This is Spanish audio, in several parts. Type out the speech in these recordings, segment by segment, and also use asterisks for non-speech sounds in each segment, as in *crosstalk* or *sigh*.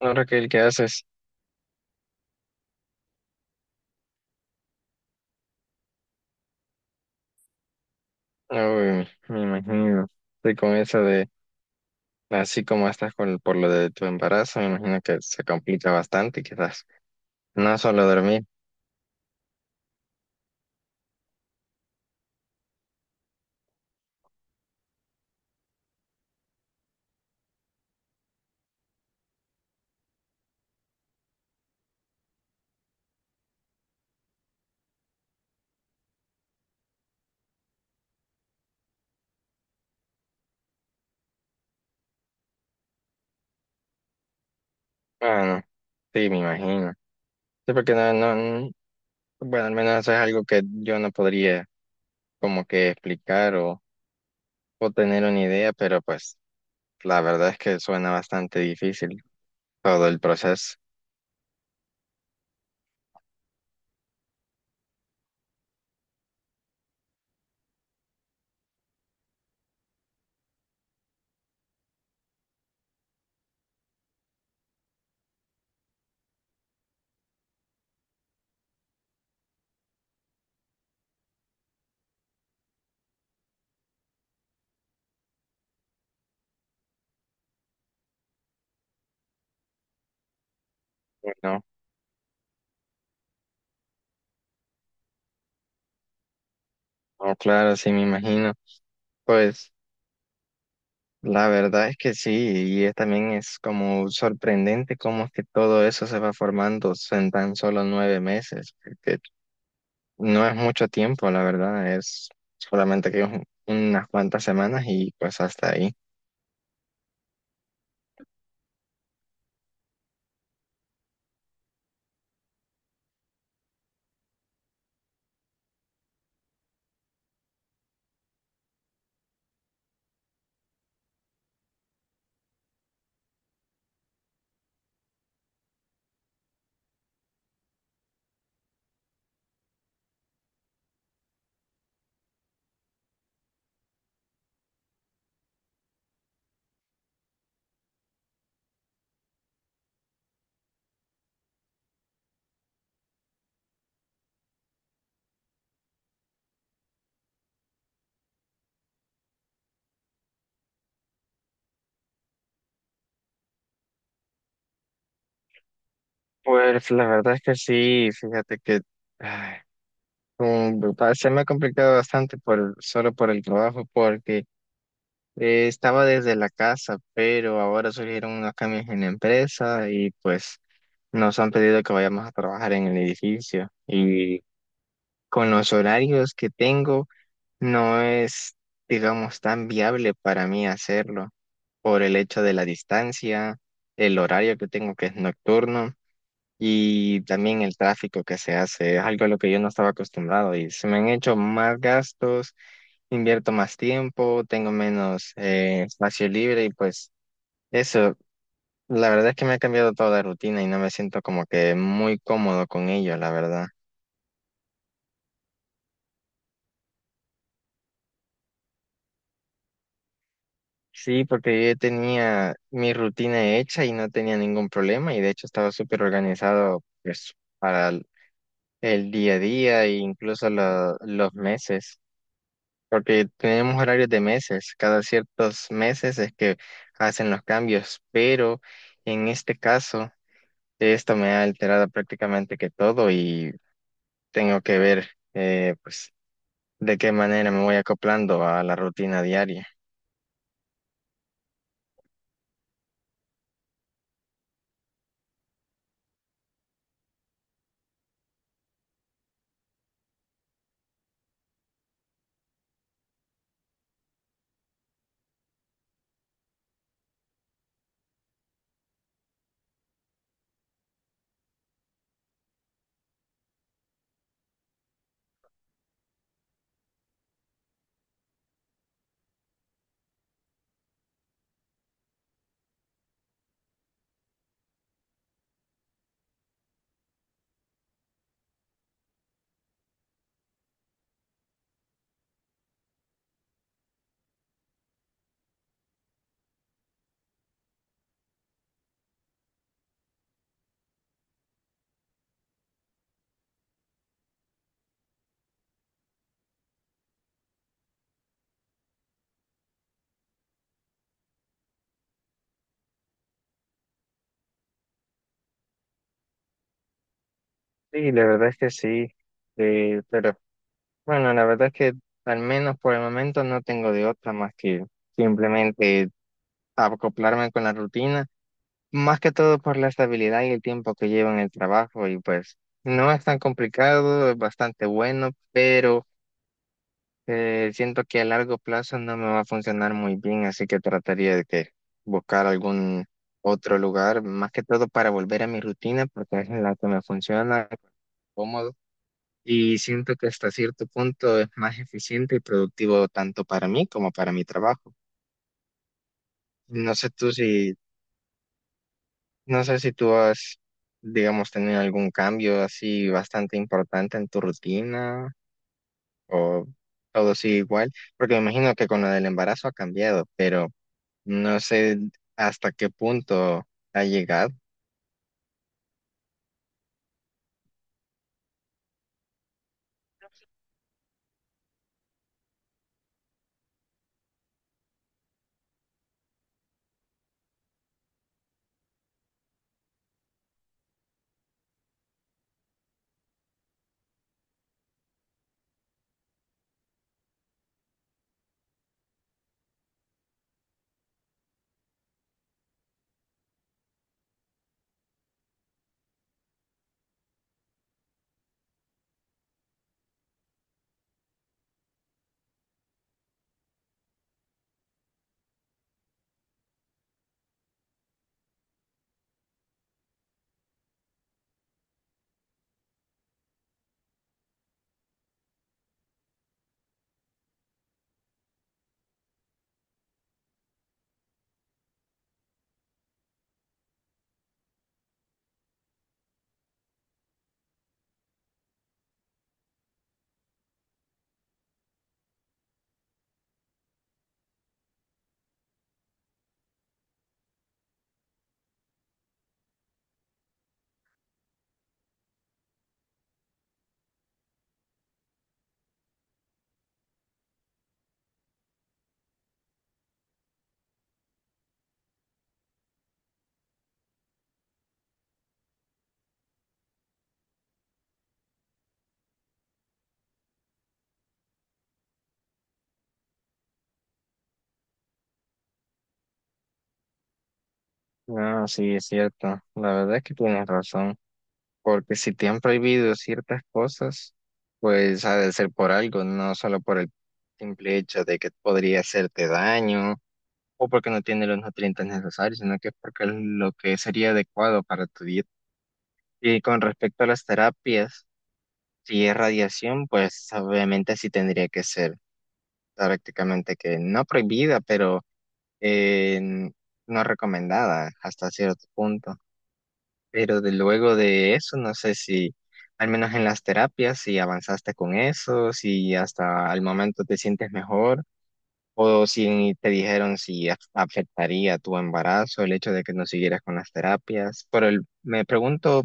¿Ahora que el que haces? Uy, me imagino. Estoy con eso de, así como estás con, por lo de tu embarazo, me imagino que se complica bastante, quizás. No solo dormir. Bueno, sí, me imagino. Sí, porque no, no, n- bueno, al menos eso es algo que yo no podría como que explicar o tener una idea, pero pues la verdad es que suena bastante difícil todo el proceso. No, no, claro, sí, me imagino. Pues, la verdad es que sí, también es como sorprendente cómo es que todo eso se va formando en tan solo 9 meses, que no es mucho tiempo, la verdad, es solamente que unas cuantas semanas y pues hasta ahí. Pues la verdad es que sí, fíjate que ay, se me ha complicado bastante por, solo por el trabajo, porque estaba desde la casa, pero ahora surgieron unos cambios en la empresa y pues... Nos han pedido que vayamos a trabajar en el edificio y con los horarios que tengo no es, digamos, tan viable para mí hacerlo por el hecho de la distancia, el horario que tengo que es nocturno y también el tráfico que se hace. Es algo a lo que yo no estaba acostumbrado y se me han hecho más gastos, invierto más tiempo, tengo menos espacio libre y pues eso, la verdad es que me ha cambiado toda la rutina y no me siento como que muy cómodo con ello, la verdad. Sí, porque yo ya tenía mi rutina hecha y no tenía ningún problema y de hecho estaba súper organizado pues, para el día a día e incluso los meses, porque tenemos horarios de meses, cada ciertos meses es que hacen los cambios, pero en este caso esto me ha alterado prácticamente que todo y tengo que ver. Pues de qué manera me voy acoplando a la rutina diaria. Sí, la verdad es que sí, pero bueno, la verdad es que al menos por el momento no tengo de otra más que simplemente acoplarme con la rutina, más que todo por la estabilidad y el tiempo que llevo en el trabajo y pues no es tan complicado, es bastante bueno, pero... siento que a largo plazo no me va a funcionar muy bien, así que trataría de que buscar algún otro lugar, más que todo para volver a mi rutina, porque es la que me funciona, cómodo, y siento que hasta cierto punto es más eficiente y productivo tanto para mí como para mi trabajo. No sé tú si, no sé si tú has, digamos, tenido algún cambio así bastante importante en tu rutina o todo sigue igual, porque me imagino que con lo del embarazo ha cambiado, pero no sé hasta qué punto ha llegado. No, sí, es cierto. La verdad es que tienes razón. Porque si te han prohibido ciertas cosas, pues ha de ser por algo, no solo por el simple hecho de que podría hacerte daño o porque no tiene los nutrientes necesarios, sino que es porque es lo que sería adecuado para tu dieta. Y con respecto a las terapias, si es radiación, pues obviamente sí tendría que ser prácticamente que no prohibida, pero eh, no recomendada hasta cierto punto. Pero de luego de eso, no sé si, al menos en las terapias, si avanzaste con eso, si hasta el momento te sientes mejor, o si te dijeron si afectaría tu embarazo el hecho de que no siguieras con las terapias. Pero me pregunto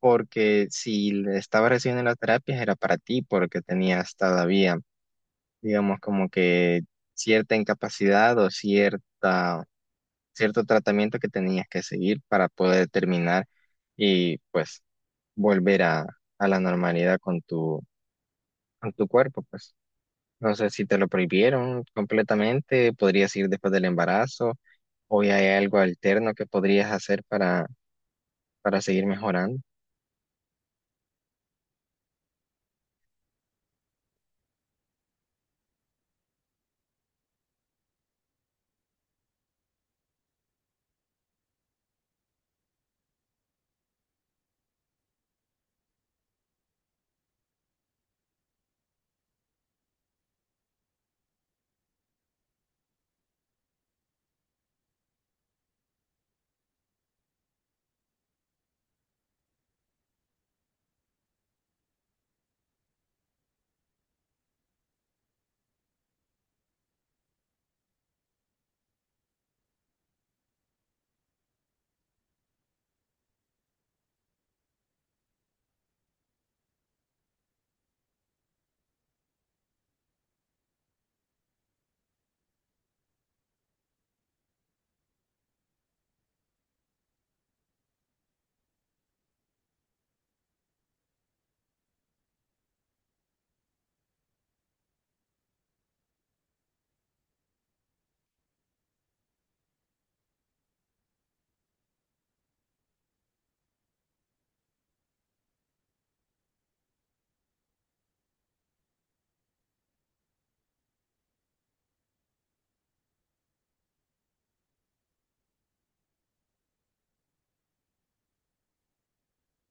porque si le estabas recibiendo las terapias era para ti, porque tenías todavía, digamos, como que cierta incapacidad o cierta cierto tratamiento que tenías que seguir para poder terminar y pues volver a la normalidad con tu cuerpo, pues. No sé si te lo prohibieron completamente, podrías ir después del embarazo o ya hay algo alterno que podrías hacer para seguir mejorando.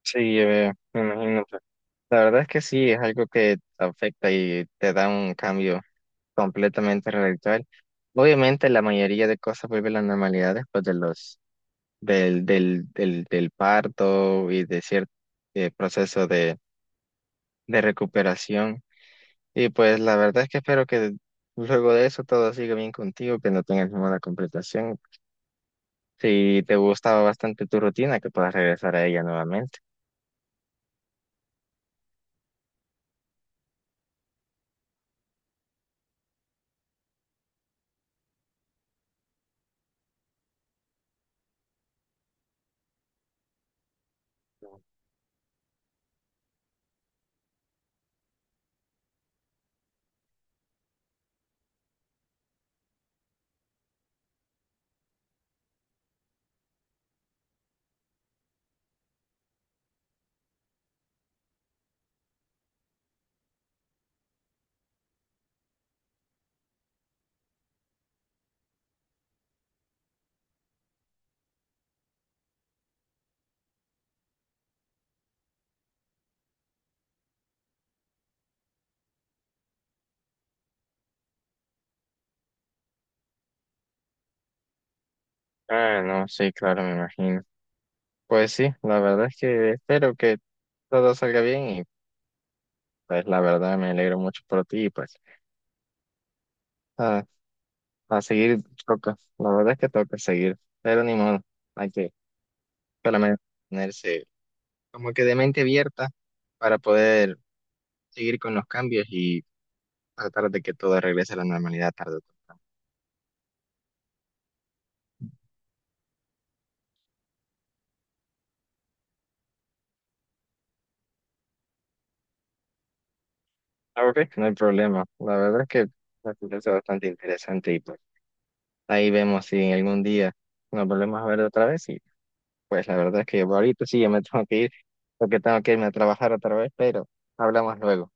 Sí, me imagino, pues. La verdad es que sí, es algo que te afecta y te da un cambio completamente radical. Obviamente la mayoría de cosas vuelve a la normalidad después de los del parto y de cierto proceso de recuperación. Y pues la verdad es que espero que luego de eso todo siga bien contigo, que no tengas ninguna complicación. Si te gustaba bastante tu rutina, que puedas regresar a ella nuevamente. Ah, no, sí, claro, me imagino. Pues sí, la verdad es que espero que todo salga bien y pues la verdad me alegro mucho por ti y pues ah, a seguir toca, la verdad es que toca seguir, pero ni modo, hay que solamente ponerse como que de mente abierta para poder seguir con los cambios y tratar de que todo regrese a la normalidad tarde o temprano. Ah, ok. No hay problema. La verdad es que me parece bastante interesante y pues ahí vemos si en algún día nos volvemos a ver otra vez y pues la verdad es que ahorita sí ya me *laughs* tengo que ir porque tengo que irme a trabajar otra vez, pero hablamos luego.